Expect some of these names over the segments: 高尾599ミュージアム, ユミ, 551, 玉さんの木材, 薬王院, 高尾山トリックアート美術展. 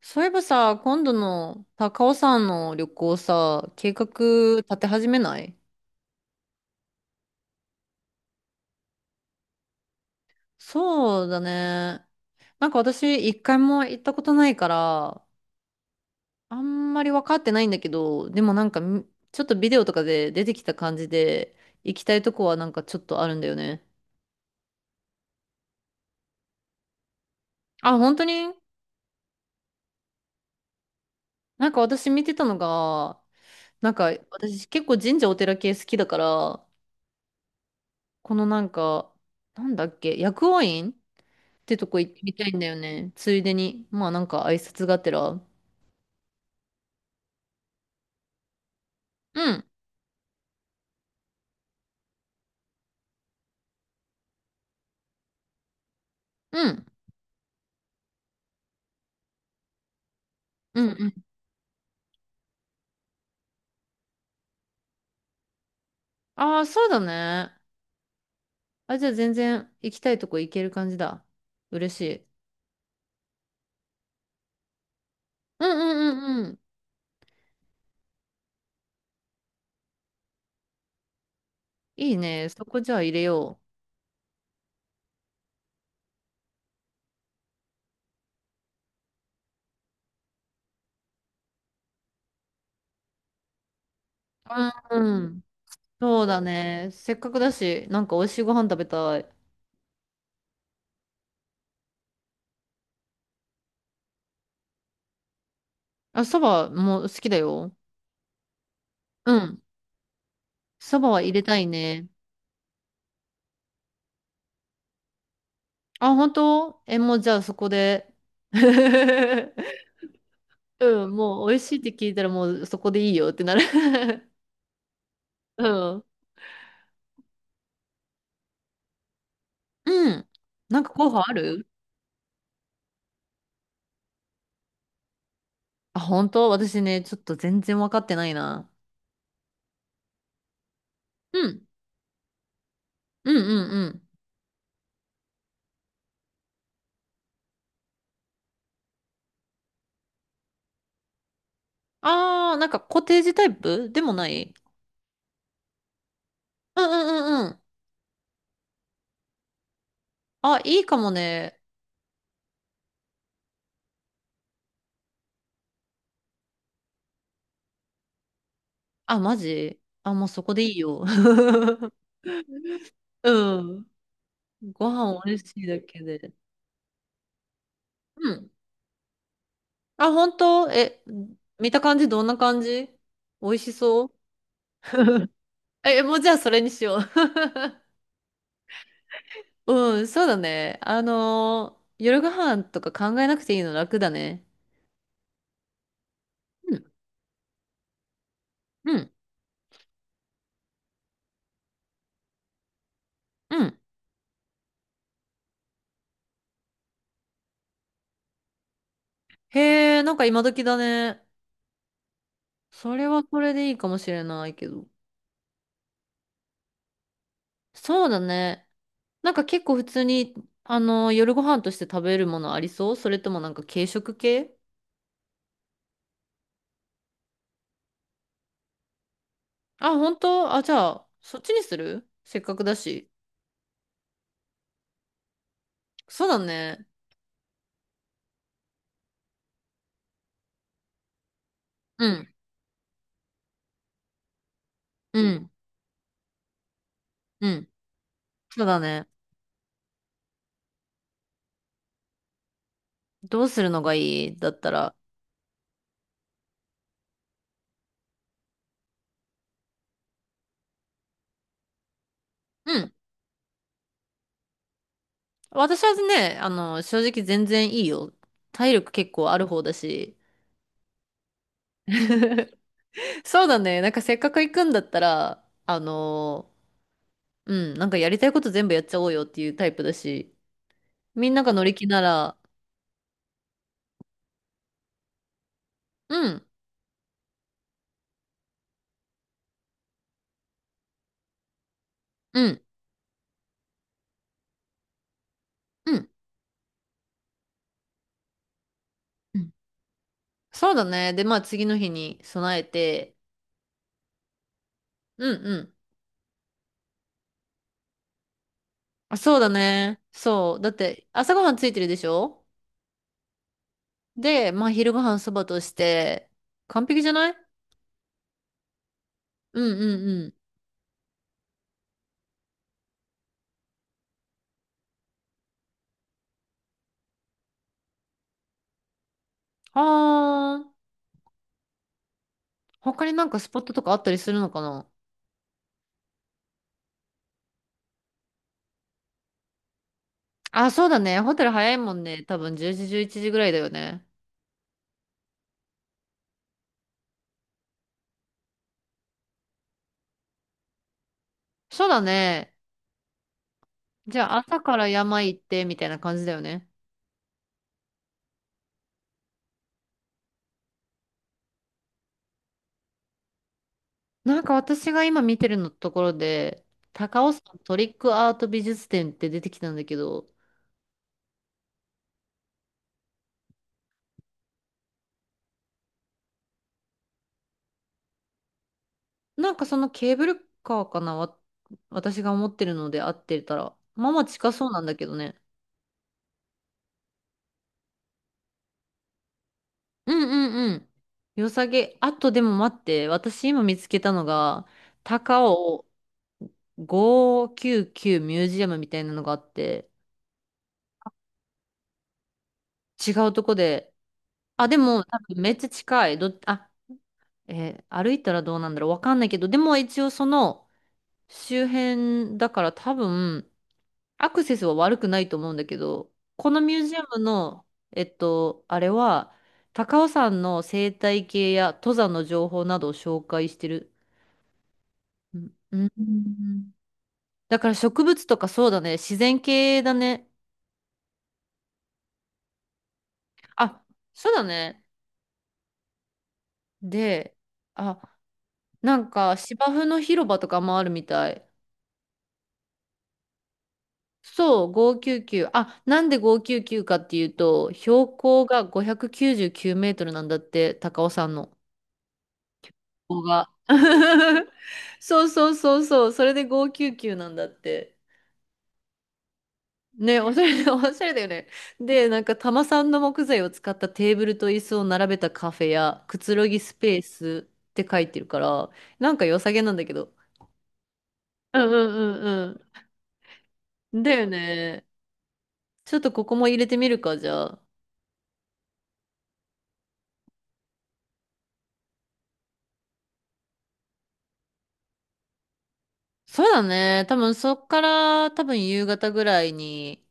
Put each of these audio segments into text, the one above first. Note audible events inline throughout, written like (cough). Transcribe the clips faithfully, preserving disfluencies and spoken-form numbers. そういえばさ、今度の高尾山の旅行さ、計画立て始めない？そうだね。なんか私、一回も行ったことないから、あんまり分かってないんだけど、でもなんかみ、ちょっとビデオとかで出てきた感じで、行きたいとこはなんかちょっとあるんだよね。あ、本当に？なんか私見てたのが、なんか、私結構神社お寺系好きだから、このなんか、なんだっけ、薬王院てとこ行ってみたいんだよね。ついでに。まあなんか挨拶がてら。うん、うん、うん、うん。ああ、そうだね。あ、じゃあ全然行きたいとこ行ける感じだ。嬉しい。うんうんうんうん。いいね。そこじゃあ入れよう。うん、うん。そうだね。せっかくだし、なんか美味しいご飯食べたい。あ、そばも好きだよ。うん。そばは入れたいね。あ、本当？え、もうじゃあそこで。(laughs) うん、もう美味しいって聞いたらもうそこでいいよってなる (laughs) うん。うん。なんか候補ある？あ、本当？私ね、ちょっと全然分かってないな。うん。うんうんうん。あー、なんかコテージタイプでもない？うんうんうんうん。あ、いいかもね。あ、マジ？あ、もうそこでいいよ。(laughs) うん。ご飯美味しいだけで。うん。あ、本当？え、見た感じどんな感じ？美味しそう？ (laughs) え、もうじゃあそれにしよう。うん、そうだね。あのー夜ご飯とか考えなくていいの楽だね。うん、うん、うん。へえ、なんか今時だね。それはそれでいいかもしれないけど。そうだね。なんか結構普通に、あのー夜ご飯として食べるものありそう？それともなんか軽食系？あ、本当？あ、じゃあ、そっちにする。せっかくだし。そうだね。うん、うん、うん。そうだね。どうするのがいい？だったら。うん、私はね、あの、正直全然いいよ。体力結構ある方だし。そうだね。なんかせっかく行くんだったら、あの、うん、なんかやりたいこと全部やっちゃおうよっていうタイプだし。みんなが乗り気なら、うん、うん、うん、うん、そうだね。で、まあ次の日に備えて、うん、うん。あ、そうだね。そう。だって朝ごはんついてるでしょ？で、まあ昼ごはんそばとして、完璧じゃない？うん、うん、うん。はーん。他になんかスポットとかあったりするのかな？あ、そうだね。ホテル早いもんね。多分じゅうじ、じゅういちじぐらいだよね。そうだね。じゃあ朝から山行ってみたいな感じだよね。なんか私が今見てるのところで、高尾山トリックアート美術展って出てきたんだけど、なんかそのケーブルカーかな、わ、私が思ってるので合ってたら。まあまあ近そうなんだけどね。うんうんうん。良さげ。あとでも待って、私今見つけたのが、高尾ごひゃくきゅうじゅうきゅうミュージアムみたいなのがあって、違うとこで、あ、でも多分めっちゃ近い。ど、あ、えー歩いたらどうなんだろう。わかんないけど、でも一応その周辺だから多分アクセスは悪くないと思うんだけど、このミュージアムの、えっと、あれは、高尾山の生態系や登山の情報などを紹介してる。うん。うん、だから植物とか、そうだね。自然系だね。あ、そうだね。で、あ、なんか芝生の広場とかもあるみたい。そう、ごひゃくきゅうじゅうきゅう。あ、なんでごひゃくきゅうじゅうきゅうかっていうと、標高がごひゃくきゅうじゅうきゅうメートルなんだって、高尾山の。ここが。(laughs) そうそうそうそう、それでごひゃくきゅうじゅうきゅうなんだって。ね、おしゃれ、(laughs) おしゃれだよね。で、なんか玉さんの木材を使ったテーブルと椅子を並べたカフェやくつろぎスペースって書いてるから、なんか良さげなんだけど。うんうんうんうん。だよね。ちょっとここも入れてみるか、じゃあ。そうだね。多分そっから多分夕方ぐらいに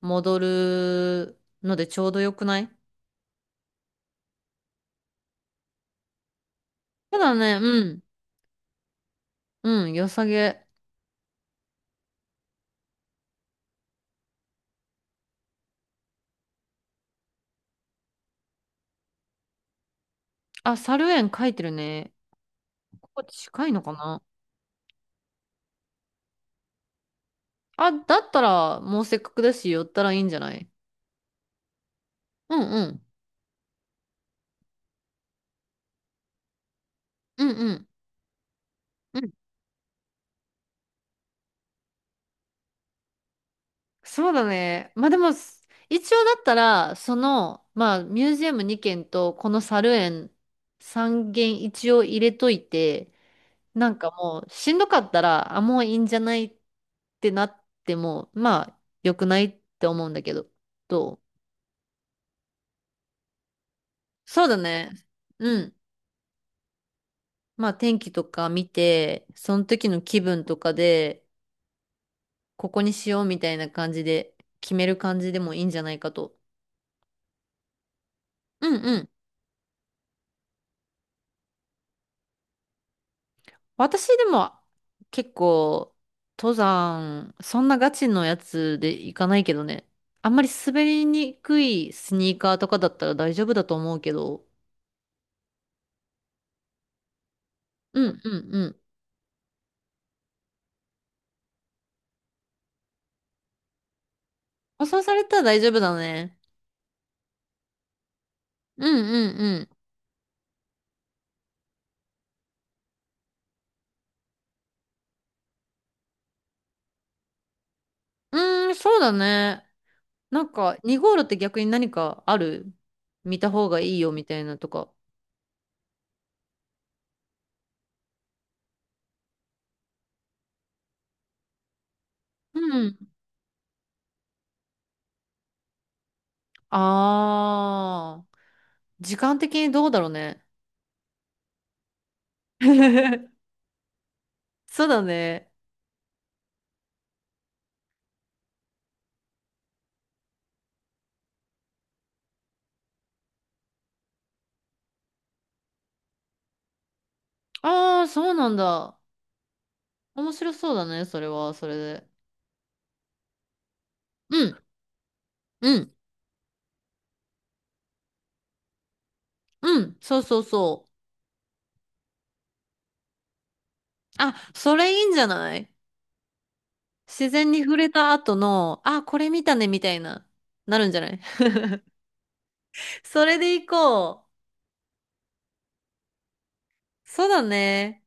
戻るのでちょうどよくない？そうだね。うん。うん。良さげ。あ、猿園書いてるね。ここ近いのかな？あ、だったらもうせっかくだし寄ったらいいんじゃない？うんうん。うんうん。うん、そうだね。まあでも、す一応だったら、その、まあミュージアムにけん軒とこの猿園さんけん軒一応入れといて、なんかもうしんどかったら、あ、もういいんじゃないってなっても、まあ良くないって思うんだけど、どう？そうだね。うん。まあ天気とか見て、その時の気分とかで、ここにしようみたいな感じで決める感じでもいいんじゃないかと。うんうん。私でも結構登山、そんなガチのやつで行かないけどね。あんまり滑りにくいスニーカーとかだったら大丈夫だと思うけど。うんうんうん。舗装されたら大丈夫だね。うんうんうん。うーん、そうだね。なんか、にごうろ号路って逆に何かある？見た方がいいよみたいなとか。うん。あー。時間的にどうだろうね。(laughs) そうだね。ああ、そうなんだ。面白そうだね、それは、それで。うん、うん、うん、そうそうそう。あ、それいいんじゃない？自然に触れた後の、あ、これ見たね、みたいな、なるんじゃない？それで行こう。そうだね。